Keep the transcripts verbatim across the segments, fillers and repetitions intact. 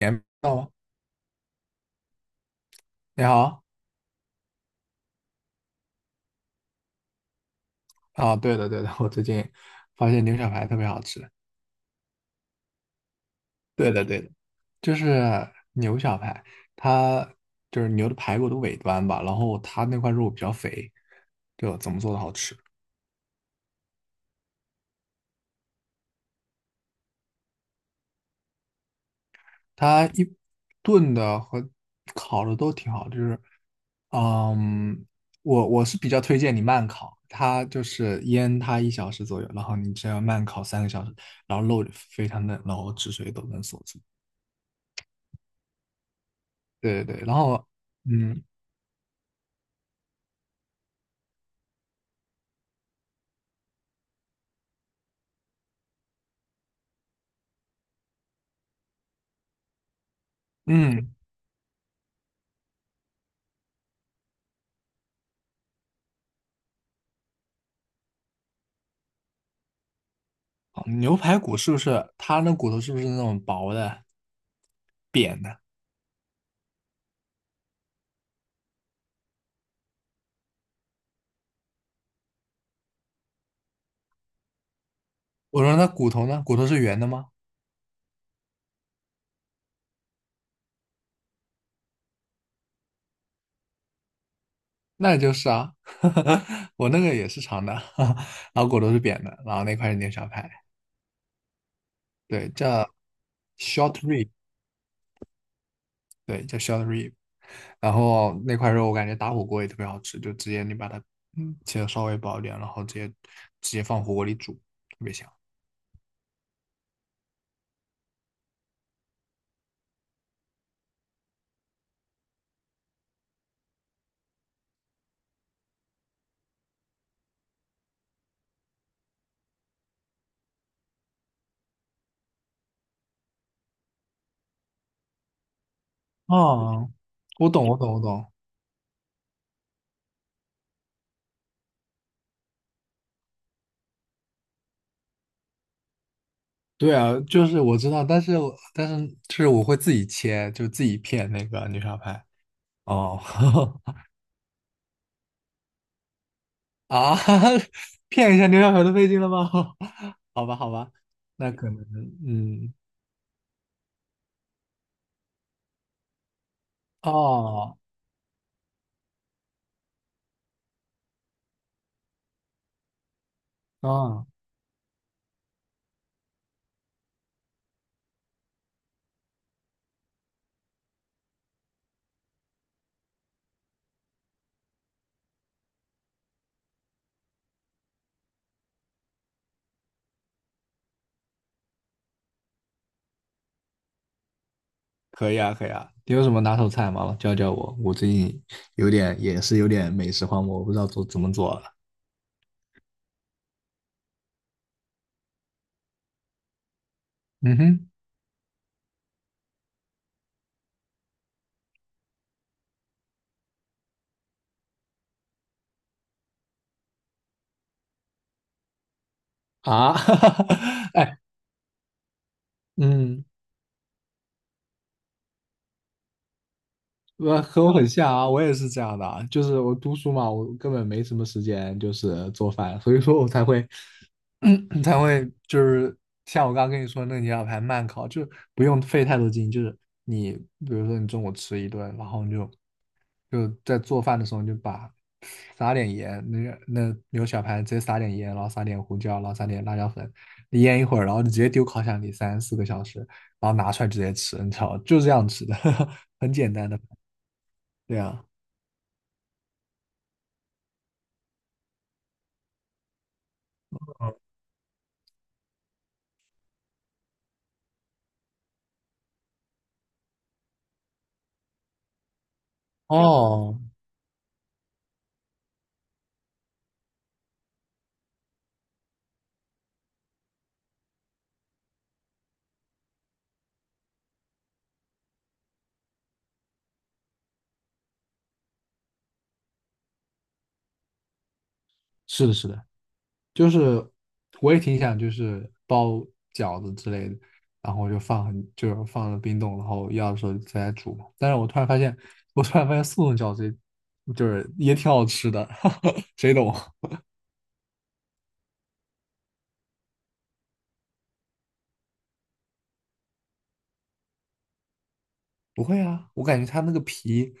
年到吗？你好。啊，对的对的，我最近发现牛小排特别好吃。对的对的，就是牛小排，它就是牛的排骨的尾端吧，然后它那块肉比较肥，就怎么做的好吃？它一炖的和烤的都挺好，就是嗯，我我是比较推荐你慢烤，它就是腌它一小时左右，然后你这样慢烤三个小时，然后肉非常嫩，然后汁水都能锁住。对对对，然后嗯嗯，好，牛排骨是不是它那骨头是不是那种薄的、扁的？我说那骨头呢？骨头是圆的吗？那就是啊，我那个也是长的，然后骨头是扁的，然后那块是牛小排，对，叫 short rib,对，叫 short rib。然后那块肉我感觉打火锅也特别好吃，就直接你把它嗯切的稍微薄一点，然后直接直接放火锅里煮，特别香。啊，我懂，我懂，我懂。对啊，就是我知道，但是我但是就是我会自己切，就自己片那个牛小排。哦，啊，骗一下牛小排都费劲了吗？好吧，好吧，那可能，嗯，哦，哦，可以啊，可以啊。你有什么拿手菜吗？教教我，我最近有点，也是有点美食荒漠，我不知道做，怎么做了。嗯哼，啊，哎，嗯，我和我很像啊，我也是这样的啊，就是我读书嘛，我根本没什么时间，就是做饭，所以说我才会 才会就是像我刚刚跟你说那个牛小排慢烤，就是不用费太多劲，就是你比如说你中午吃一顿，然后你就就在做饭的时候你就把撒点盐，那个那牛小排直接撒点盐，然后撒点胡椒，然后撒点辣椒粉，腌一会儿，然后你直接丢烤箱里三四个小时，然后拿出来直接吃，你知道吗，就这样吃的，很简单的，对呀。哦，是的，是的，就是我也挺想就是包饺子之类的，然后就放很，就是放了冰冻，然后要的时候再来煮嘛，但是我突然发现，我突然发现速冻饺子也就是也挺好吃的，谁懂啊？不会啊，我感觉它那个皮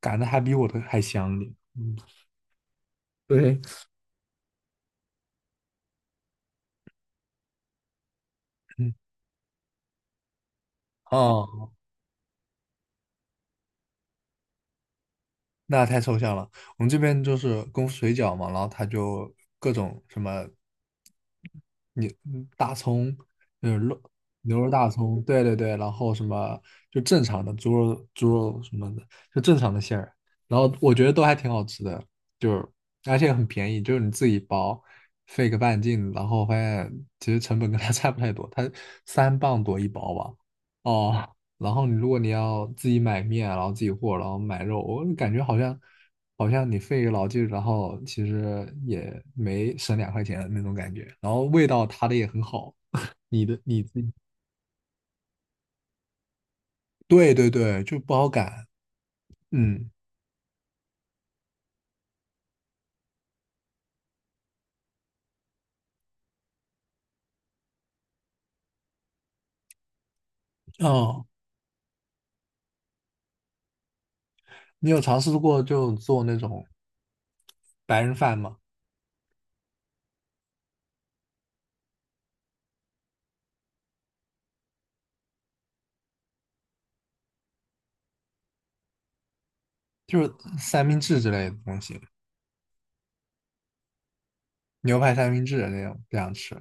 擀的还比我的还香一点。嗯，对，嗯，嗯，哦。那太抽象了。我们这边就是功夫水饺嘛，然后它就各种什么你嗯大葱，就是肉，牛肉大葱，对对对，然后什么就正常的猪肉猪肉什么的，就正常的馅儿，然后我觉得都还挺好吃的，就是而且很便宜，就是你自己包，费个半斤，然后发现其实成本跟它 差不太多，它三磅多一包吧，哦，然后你如果你要自己买面啊，然后自己和，然后买肉，我感觉好像好像你费一个老劲，然后其实也没省两块钱的那种感觉。然后味道它的也很好，你的你自己对对对，就不好擀。嗯哦，你有尝试过就做那种白人饭吗？就是三明治之类的东西，牛排三明治那种这样吃。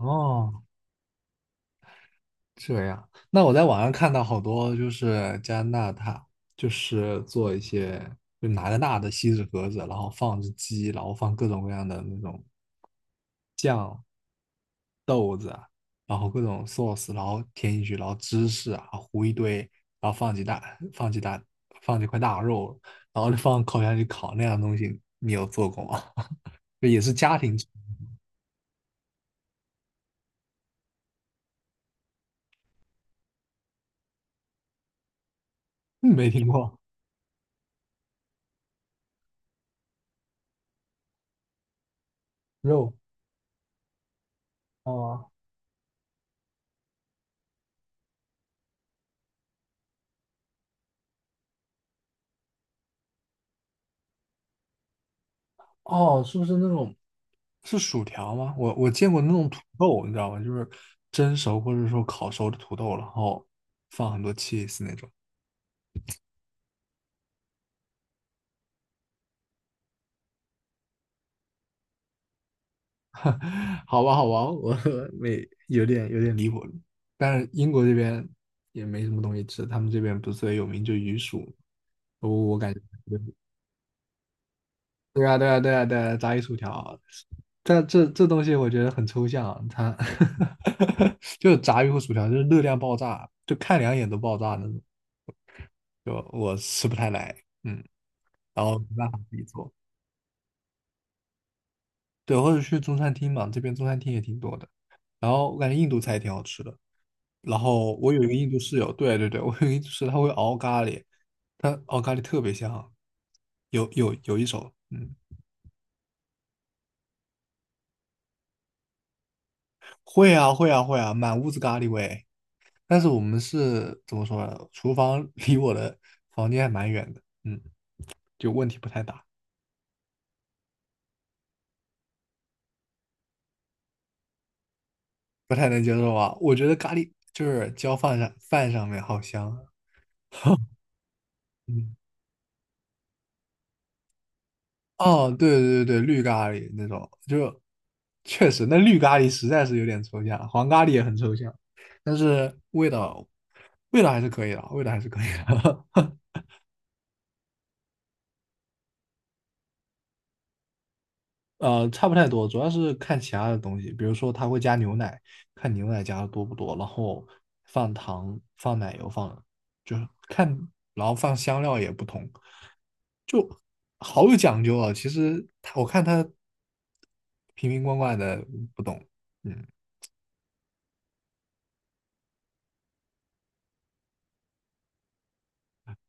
哦，这样，那我在网上看到好多就是加拿大，就是做一些，就拿个大的锡纸盒子，然后放只鸡，然后放各种各样的那种酱、豆子啊，然后各种 sauce,然后填进去，然后芝士啊糊一堆，然后放几大放几大放几块大肉，然后就放烤箱里烤那样的东西，你有做过吗？就也是家庭，没听过，肉，哦。哦，是不是那种是薯条吗？我我见过那种土豆，你知道吗？就是蒸熟或者说烤熟的土豆，然后放很多 cheese 那种。好吧，好吧，我 没有，点有点离谱了，但是英国这边也没什么东西吃，他们这边不是最有名就鱼薯。我我感觉对啊，对啊，对啊，对啊，炸鱼薯条，这这这东西我觉得很抽象，它 就是炸鱼和薯条，就是热量爆炸，就看两眼都爆炸那种。就我吃不太来，嗯，然后没办法自己做，对，或者去中餐厅嘛，这边中餐厅也挺多的，然后我感觉印度菜也挺好吃的，然后我有一个印度室友，对对对，我有一个印度室友，他会熬咖喱，他熬咖喱特别香，有有有一手，嗯，会啊会啊会啊，满屋子咖喱味，但是我们是怎么说呢？厨房 离我的房间还蛮远的，嗯，就问题不太大，不太能接受啊，我觉得咖喱就是浇饭上饭上面好香啊。嗯，哦，对对对对，绿咖喱那种，就确实那绿咖喱实在是有点抽象，黄咖喱也很抽象，但是味道味道还是可以的，味道还是可以的，呃，差不太多，主要是看其他的东西，比如说它会加牛奶，看牛奶加的多不多，然后放糖、放奶油放，就是看，然后放香料也不同，好有讲究啊。其实它我看它瓶瓶罐罐的不懂，嗯。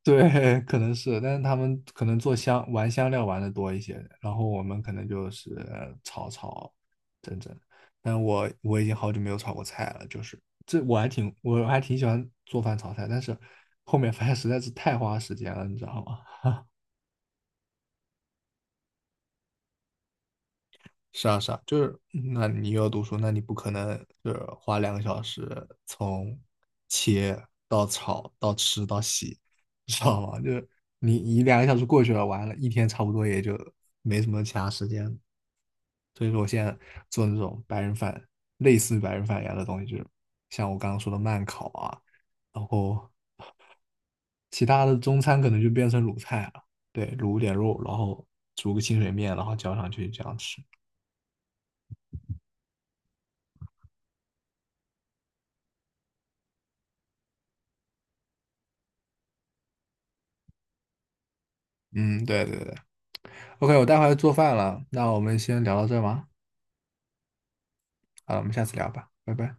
对，可能是，但是他们可能做香，玩香料玩的多一些，然后我们可能就是炒炒整整。但我我已经好久没有炒过菜了，就是这我还挺我还挺喜欢做饭炒菜，但是后面发现实在是太花时间了，你知道吗？是啊，是啊，就是，嗯那你又要读书，那你不可能就是花两个小时从切到炒到吃到洗，你知道吗？就是你你两个小时过去了，完了，一天差不多也就没什么其他时间了。所以说，我现在做那种白人饭，类似于白人饭一样的东西，就是像我刚刚说的慢烤啊，然后其他的中餐可能就变成卤菜了，对，卤点肉，然后煮个清水面，然后浇上去这样吃。嗯，对对对。OK,我待会儿要做饭了，那我们先聊到这儿吗？好了，我们下次聊吧，拜拜。